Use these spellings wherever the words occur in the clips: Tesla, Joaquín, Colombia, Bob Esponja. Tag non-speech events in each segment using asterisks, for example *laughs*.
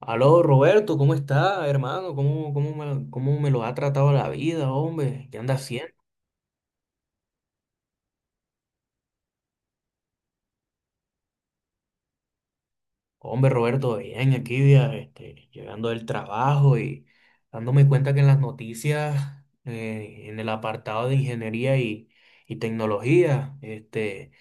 Aló, Roberto, ¿cómo está, hermano? ¿Cómo me lo ha tratado la vida, hombre? ¿Qué anda haciendo? Hombre, Roberto, bien, aquí ya, este, llegando del trabajo y dándome cuenta que en las noticias, en el apartado de ingeniería y tecnología, este,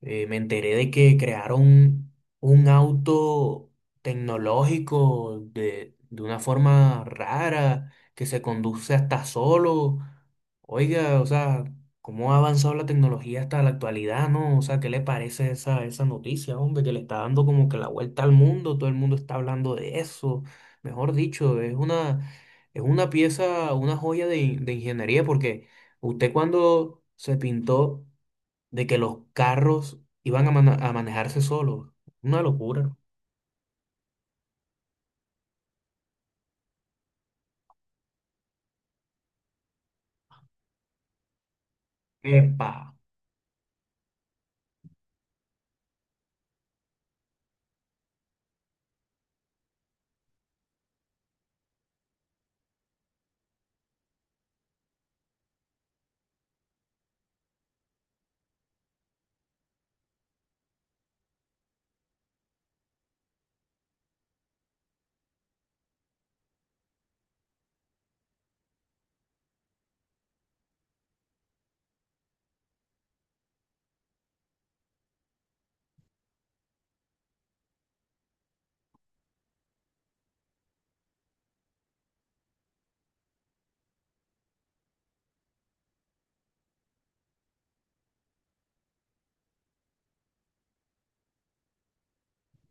me enteré de que crearon un auto tecnológico de una forma rara, que se conduce hasta solo. Oiga, o sea, ¿cómo ha avanzado la tecnología hasta la actualidad, no? O sea, ¿qué le parece esa noticia, hombre, que le está dando como que la vuelta al mundo? Todo el mundo está hablando de eso. Mejor dicho, es una pieza, una joya de ingeniería, porque usted cuando se pintó de que los carros iban a manejarse solos, una locura. ¡Epa!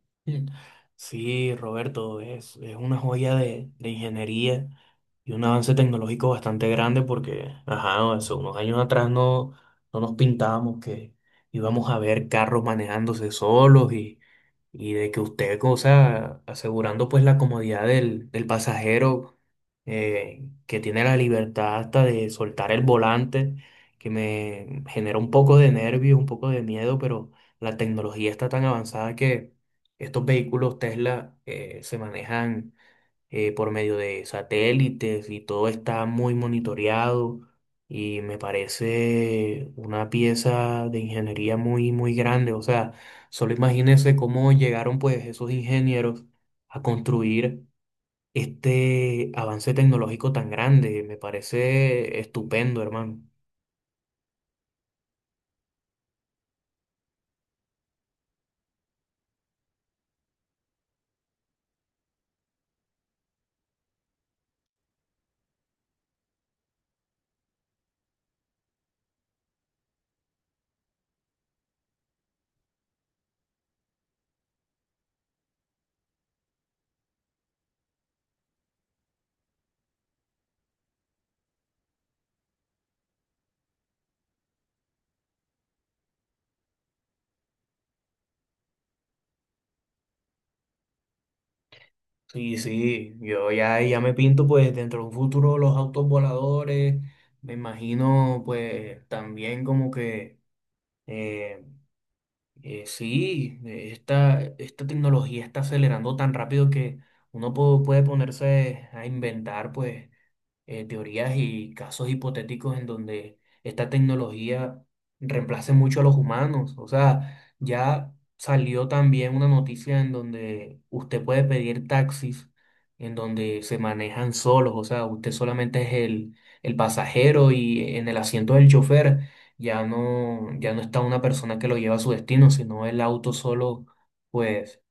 *laughs* Mm. Sí, Roberto, es una joya de ingeniería y un avance tecnológico bastante grande porque, ajá, hace unos años atrás no nos pintábamos que íbamos a ver carros manejándose solos y de que usted, o sea, asegurando pues la comodidad del pasajero, que tiene la libertad hasta de soltar el volante, que me genera un poco de nervio, un poco de miedo, pero la tecnología está tan avanzada que estos vehículos Tesla se manejan, por medio de satélites, y todo está muy monitoreado y me parece una pieza de ingeniería muy, muy grande. O sea, solo imagínense cómo llegaron pues esos ingenieros a construir este avance tecnológico tan grande. Me parece estupendo, hermano. Sí, sí, ya me pinto pues dentro de un futuro los autos voladores, me imagino pues también como que sí, esta esta, tecnología está acelerando tan rápido que uno puede ponerse a inventar, pues, teorías y casos hipotéticos en donde esta tecnología reemplace mucho a los humanos. O sea, ya salió también una noticia en donde usted puede pedir taxis, en donde se manejan solos, o sea, usted solamente es el pasajero, y en el asiento del chofer ya no, ya no está una persona que lo lleva a su destino, sino el auto solo, pues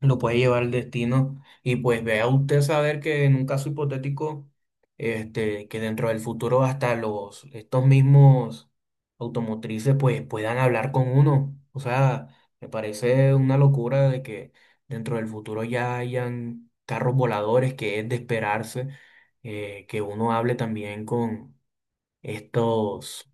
lo puede llevar el destino. Y pues vea usted saber que en un caso hipotético, este, que dentro del futuro hasta estos mismos automotrices pues puedan hablar con uno. O sea, me parece una locura de que dentro del futuro ya hayan carros voladores, que es de esperarse, que uno hable también con estos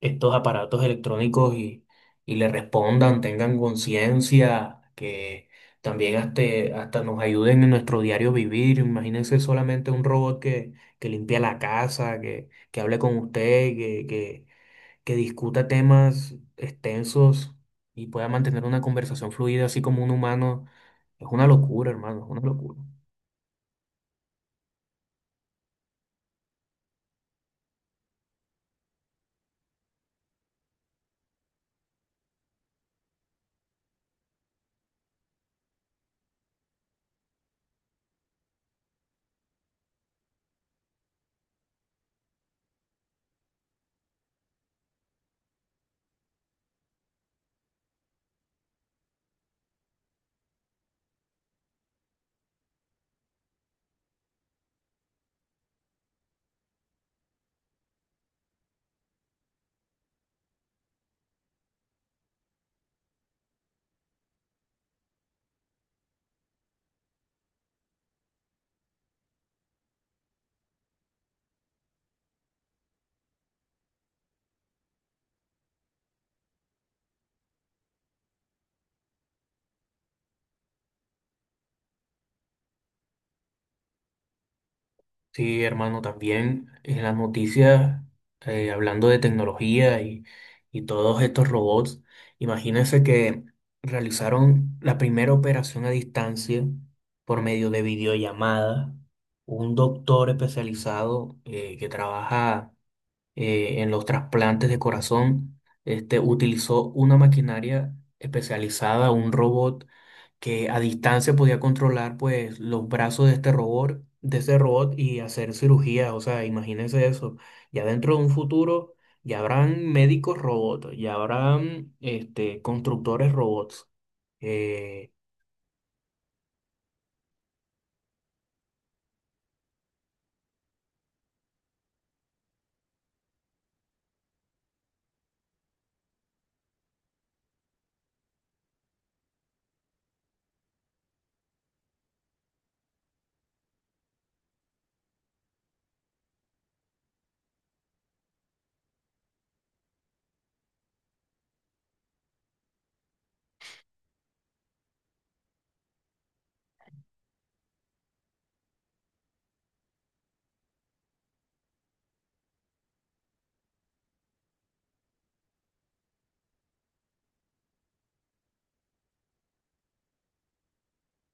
estos aparatos electrónicos y le respondan, tengan conciencia, que también hasta nos ayuden en nuestro diario vivir. Imagínense solamente un robot que limpia la casa, que hable con usted, que discuta temas extensos y pueda mantener una conversación fluida, así como un humano. Es una locura, hermano, es una locura. Sí, hermano, también en las noticias, hablando de tecnología y todos estos robots, imagínense que realizaron la primera operación a distancia por medio de videollamada. Un doctor especializado, que trabaja, en los trasplantes de corazón, este, utilizó una maquinaria especializada, un robot que a distancia podía controlar pues los brazos de este robot, y hacer cirugía. O sea, imagínense eso. Ya dentro de un futuro ya habrán médicos robots, ya habrán, este, constructores robots. Eh,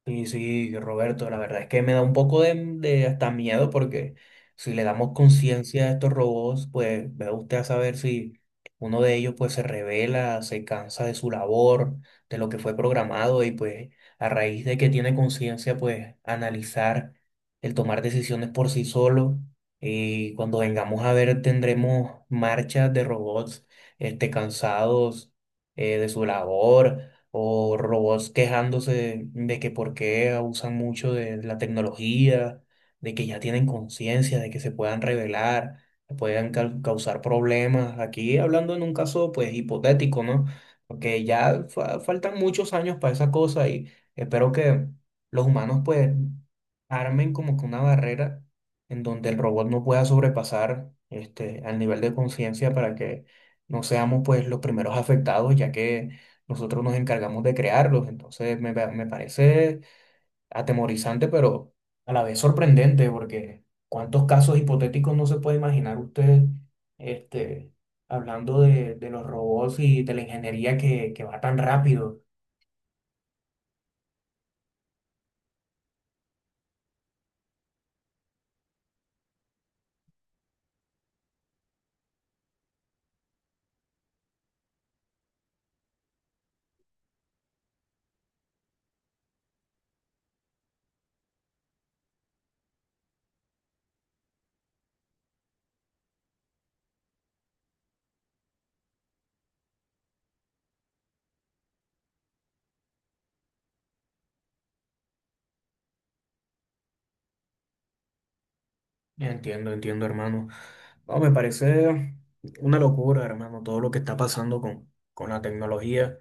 Sí, sí, Roberto, la verdad es que me da un poco de hasta miedo porque si le damos conciencia a estos robots, pues vea usted a saber si uno de ellos pues se revela, se cansa de su labor, de lo que fue programado, y pues a raíz de que tiene conciencia pues analizar el tomar decisiones por sí solo, y cuando vengamos a ver tendremos marchas de robots, este, cansados, de su labor, o robots quejándose de que por qué abusan mucho de la tecnología, de que ya tienen conciencia, de que se puedan revelar, que puedan causar problemas. Aquí hablando en un caso pues hipotético, ¿no? Porque ya faltan muchos años para esa cosa y espero que los humanos pues armen como que una barrera en donde el robot no pueda sobrepasar este al nivel de conciencia, para que no seamos pues los primeros afectados, ya que nosotros nos encargamos de crearlos. Entonces me parece atemorizante, pero a la vez sorprendente, porque cuántos casos hipotéticos no se puede imaginar usted, este, hablando de los robots y de la ingeniería que va tan rápido. Entiendo, entiendo, hermano. No, me parece una locura, hermano, todo lo que está pasando con la tecnología.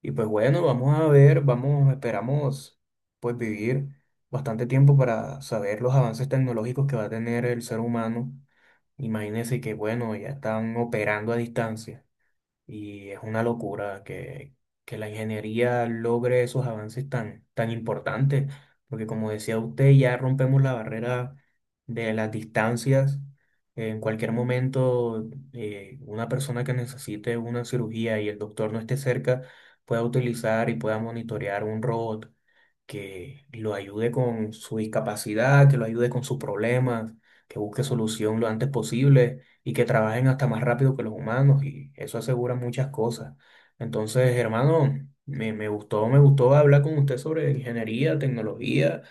Y pues bueno, vamos a ver, vamos, esperamos pues vivir bastante tiempo para saber los avances tecnológicos que va a tener el ser humano. Imagínense que bueno, ya están operando a distancia. Y es una locura que la ingeniería logre esos avances tan, tan importantes, porque como decía usted, ya rompemos la barrera de las distancias. En cualquier momento, una persona que necesite una cirugía y el doctor no esté cerca pueda utilizar y pueda monitorear un robot que lo ayude con su discapacidad, que lo ayude con sus problemas, que busque solución lo antes posible y que trabajen hasta más rápido que los humanos, y eso asegura muchas cosas. Entonces, hermano, me gustó hablar con usted sobre ingeniería, tecnología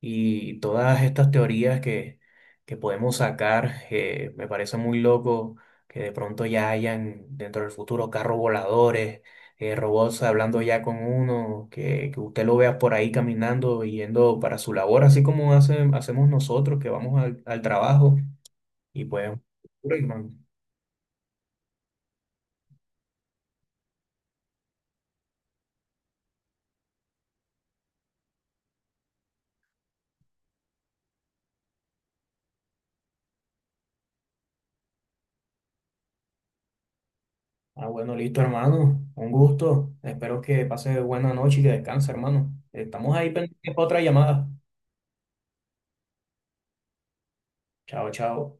y todas estas teorías que podemos sacar, me parece muy loco que de pronto ya hayan dentro del futuro carros voladores, robots hablando ya con uno, que usted lo vea por ahí caminando, yendo para su labor, así como hacemos nosotros que vamos al, al trabajo. Y pues, Rickman, ah, bueno, listo, hermano, un gusto. Espero que pase buena noche y que descanse, hermano. Estamos ahí pendientes para otra llamada. Chao, chao.